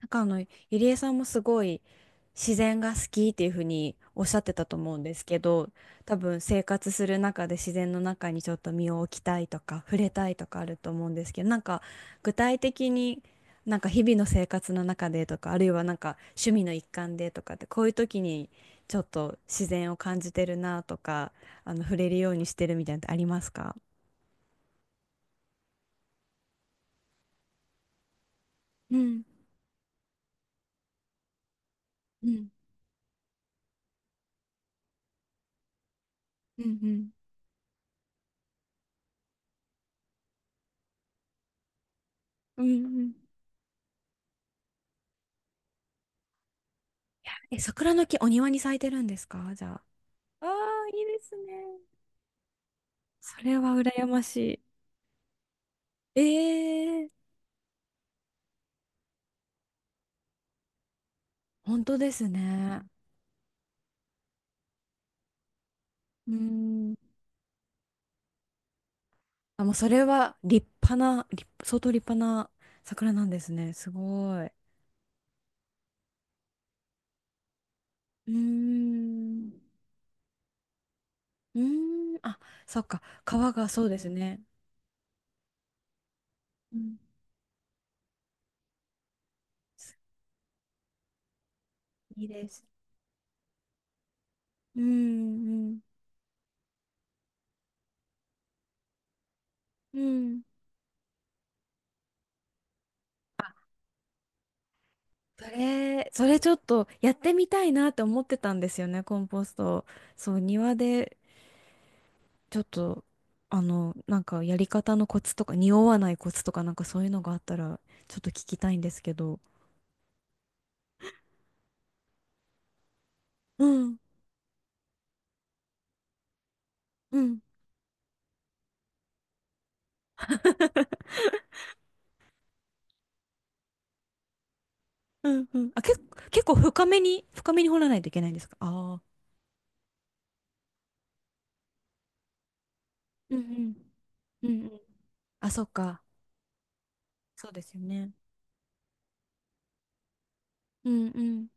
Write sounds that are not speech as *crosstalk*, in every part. なんかゆりえさんもすごい自然が好きっていうふうにおっしゃってたと思うんですけど、多分生活する中で自然の中にちょっと身を置きたいとか、触れたいとかあると思うんですけど、なんか具体的に、なんか日々の生活の中でとか、あるいはなんか趣味の一環でとかって、こういう時にちょっと自然を感じてるなとか、触れるようにしてるみたいなのってありますか？うん。うん。うん。うん。うん。うん。うん。え、桜の木お庭に咲いてるんですかじゃあ？ああ、いいですね。それは羨ましい。ええ。本当ですね。うん。あ、もうそれは立派な、相当立派な桜なんですね。すごい。うーん。うーん。あ、そっか。皮がそうですね。うん。いいです。うん、うん、うん。それちょっとやってみたいなって思ってたんですよね、コンポスト。そう、庭でちょっと、なんかやり方のコツとか、匂わないコツとか、なんかそういうのがあったら、ちょっと聞きたいんですけど。うん、うん、うん、うん。あ、結構深めに掘らないといけないんですか？ああー。うんうん、うんうん。あ、そっか。そうですよね。うんうん。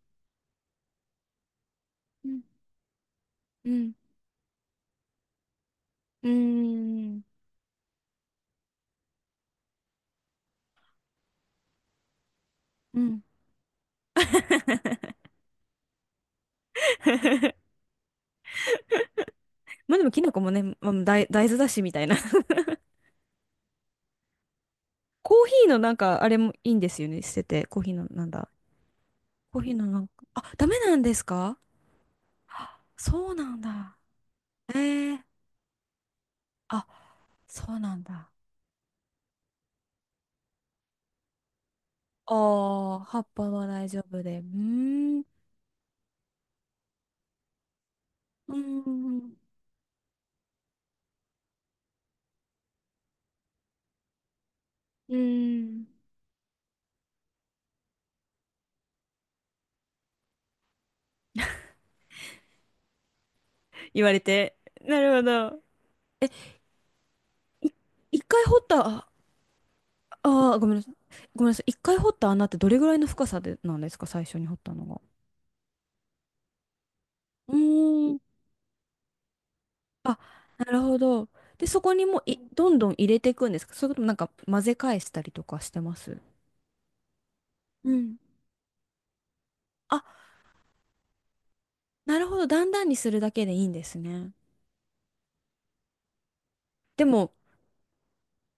うん、うん、うーん、うん。*laughs* まあでも、きな粉もね、まあ、大豆だしみたいな。*laughs* コーヒーのなんか、あれもいいんですよね。捨てて、コーヒーのなんだ。コーヒーのなんか、あ、ダメなんですか？あ、そうなんだ。えー、あ、そうなんだ。ああ、葉っぱは大丈夫で。うーん、うーん、うーん。言われて。なるほど。い一回掘った、ああー、ごめんなさい。ごめんなさい。一回掘った穴ってどれぐらいの深さでなんですか、最初に掘ったのが。うーん。あ、なるほど。で、そこにもうどんどん入れていくんですか？それともなんか混ぜ返したりとかしてます？うん。あ、なるほど。だんだんにするだけでいいんですね。でも、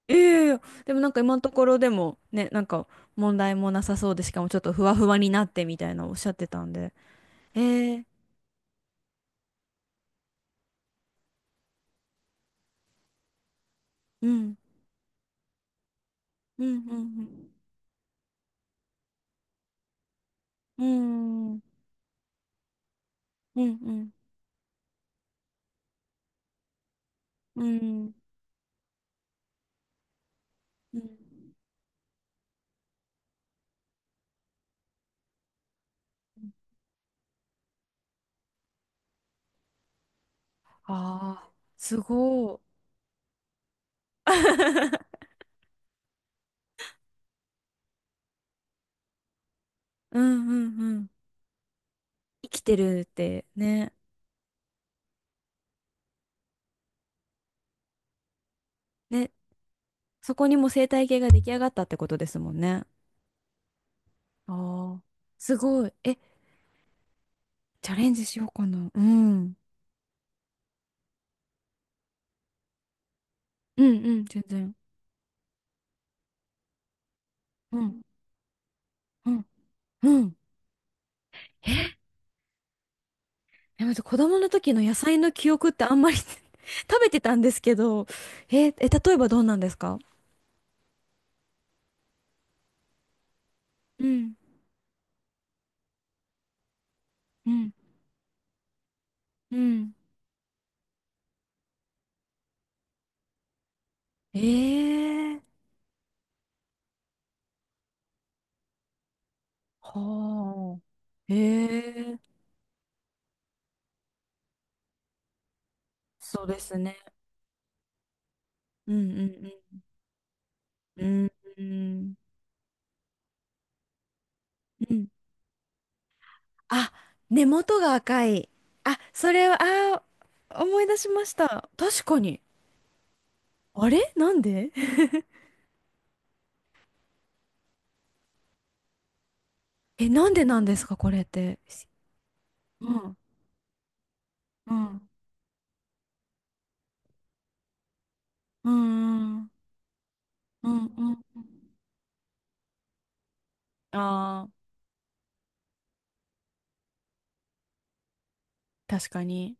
ええ、でもなんか今のところでもね、なんか問題もなさそうで、しかもちょっとふわふわになってみたいなおっしゃってたんで。ええ。うん、うん、うん、うん、うん、うん、うん、うん、うん。ああ、すごい。*laughs* うん、うん、うん。生きてるってね。ね、そこにも生態系が出来上がったってことですもんね。ああ、すごい。え、チャレンジしようかな。うん。うん、うん、全然。うん、うん、うん。え、でも子供の時の野菜の記憶ってあんまり *laughs* 食べてたんですけど、例えばどうなんですか？うん、うん、うん。ええ。はあ。ええ。そうですね。うんうんうん。うん。うん。あ、根元が赤い。あ、それは、あー、思い出しました。確かに。あれなんで。 *laughs* え、なんでなんですか、これって。うん、うん、うん。うんうんうんうん。ああ、確かに。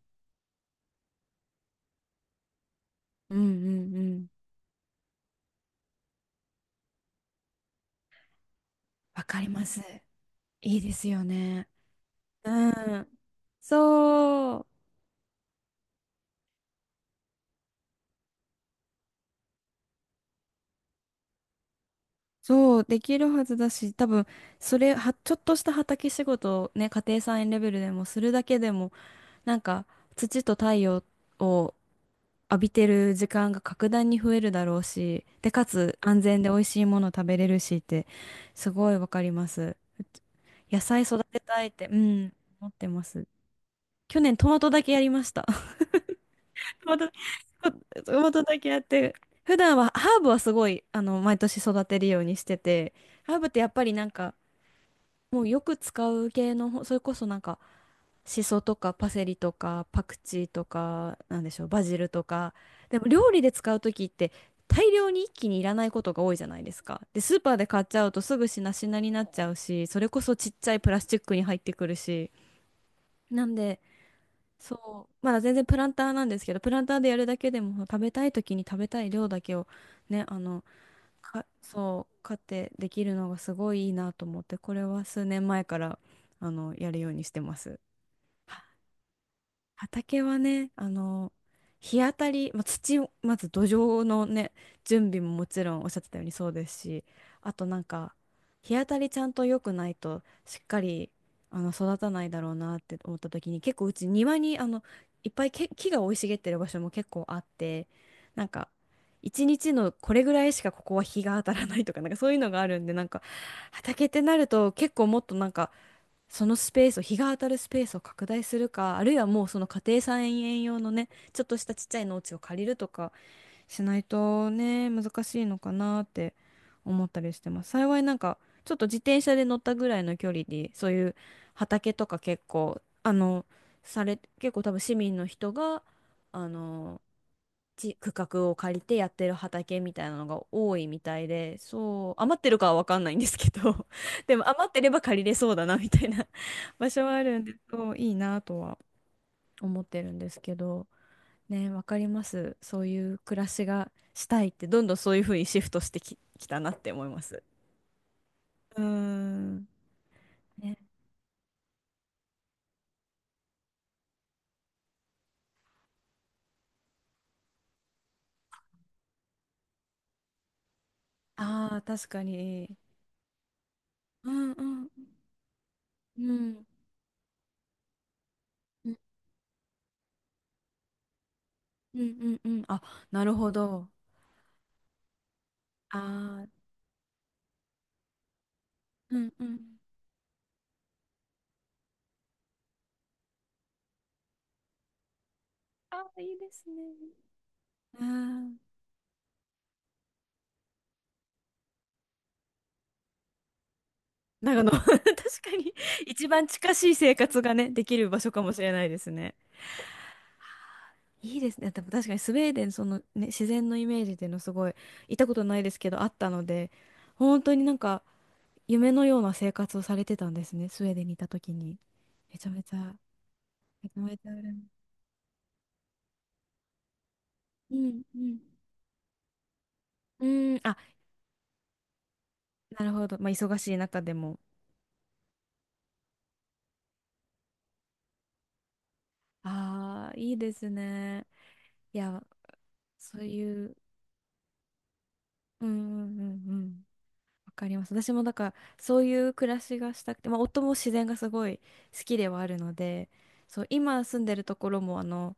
うんうんうん。わかります。いいですよね。うん。そう。そう、できるはずだし、多分、それは、ちょっとした畑仕事をね、家庭菜園レベルでもするだけでも、なんか、土と太陽を浴びてる時間が格段に増えるだろうし、で、かつ安全で美味しいもの食べれるしって、すごいわかります。うち野菜育てたいって、うん、思ってます。去年トマトだけやりました。*laughs* トマト、トマトだけやって、普段はハーブはすごい、毎年育てるようにしてて、ハーブってやっぱりなんか、もうよく使う系の、それこそなんか、シソとかパセリとかパクチーとか、なんでしょう、バジルとか。でも料理で使う時って大量に一気にいらないことが多いじゃないですか。で、スーパーで買っちゃうとすぐしなしなになっちゃうし、それこそちっちゃいプラスチックに入ってくるし。なんで、そう、まだ全然プランターなんですけど、プランターでやるだけでも食べたい時に食べたい量だけをね、そう、買ってできるのがすごいいいなと思って、これは数年前から、やるようにしてます。畑はね、日当たり、まあ、土を、まず土壌のね、準備ももちろんおっしゃってたようにそうですし、あとなんか、日当たりちゃんと良くないと、しっかり、育たないだろうなって思った時に、結構うち庭に、いっぱい木が生い茂ってる場所も結構あって、なんか、一日のこれぐらいしかここは日が当たらないとか、なんかそういうのがあるんで、なんか、畑ってなると結構もっとなんか、そのスペースを、日が当たるスペースを拡大するか、あるいはもうその家庭菜園用のね、ちょっとしたちっちゃい農地を借りるとか、しないとね、難しいのかなって思ったりしてます。幸いなんか、ちょっと自転車で乗ったぐらいの距離で、そういう畑とか結構、結構多分市民の人が、あの、区画を借りてやってる畑みたいなのが多いみたいで、そう、余ってるかは分かんないんですけど、*laughs* でも余ってれば借りれそうだなみたいな *laughs* 場所はあるんで、そう、いいなとは思ってるんですけど、ね、わかります。そういう暮らしがしたいって、どんどんそういうふうにシフトしてきたなって思います。うーん。ね、ああ、確かに。うんうんうんうんうんうんうん。あ、なるほど。ああ、うんうん。ああ、いいですね。ああ、長野、*laughs* 確かに一番近しい生活がね、できる場所かもしれないですね。いいですね。でも確かにスウェーデン、そのね、自然のイメージっていうのすごい、行ったことないですけど、あったので、本当になんか夢のような生活をされてたんですね、スウェーデンにいた時に。めちゃめちゃ、めちゃめちゃ羨ましい。うん、うん。うん、あ、なるほど。まあ、忙しい中でも。ああ、いいですね。いや、そういう、うんうんうんうん。わかります。私もだから、そういう暮らしがしたくて、まあ、夫も自然がすごい好きではあるので、そう、今住んでるところも、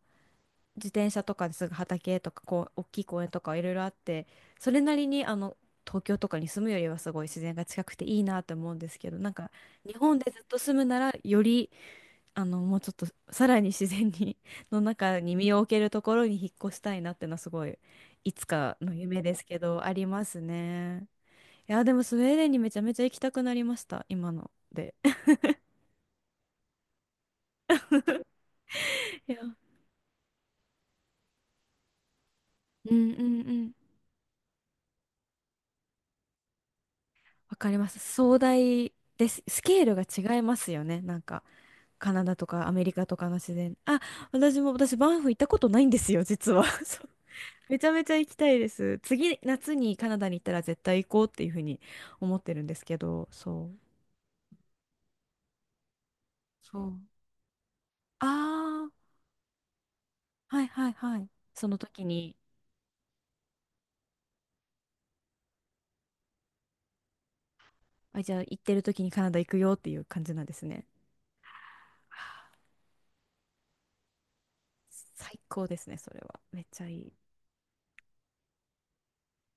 自転車とかですぐ畑とかこう大きい公園とかいろいろあって、それなりに東京とかに住むよりはすごい自然が近くていいなと思うんですけど、なんか日本でずっと住むならよりもうちょっとさらに自然に *laughs* の中に身を置けるところに引っ越したいなっていうのはすごい、いつかの夢ですけどありますね。いやでもスウェーデンにめちゃめちゃ行きたくなりました、今ので。*laughs* いや。うんうんうん。わかります。壮大です。スケールが違いますよね、なんか。カナダとかアメリカとかの自然。あ、私、バンフ行ったことないんですよ、実は。*laughs* そう。めちゃめちゃ行きたいです。次、夏にカナダに行ったら絶対行こうっていうふうに思ってるんですけど、そう。そう。ああ、はいはいはい。その時に、あ、じゃあ行ってる時にカナダ行くよっていう感じなんですね。最高ですね、それは。めっちゃいい。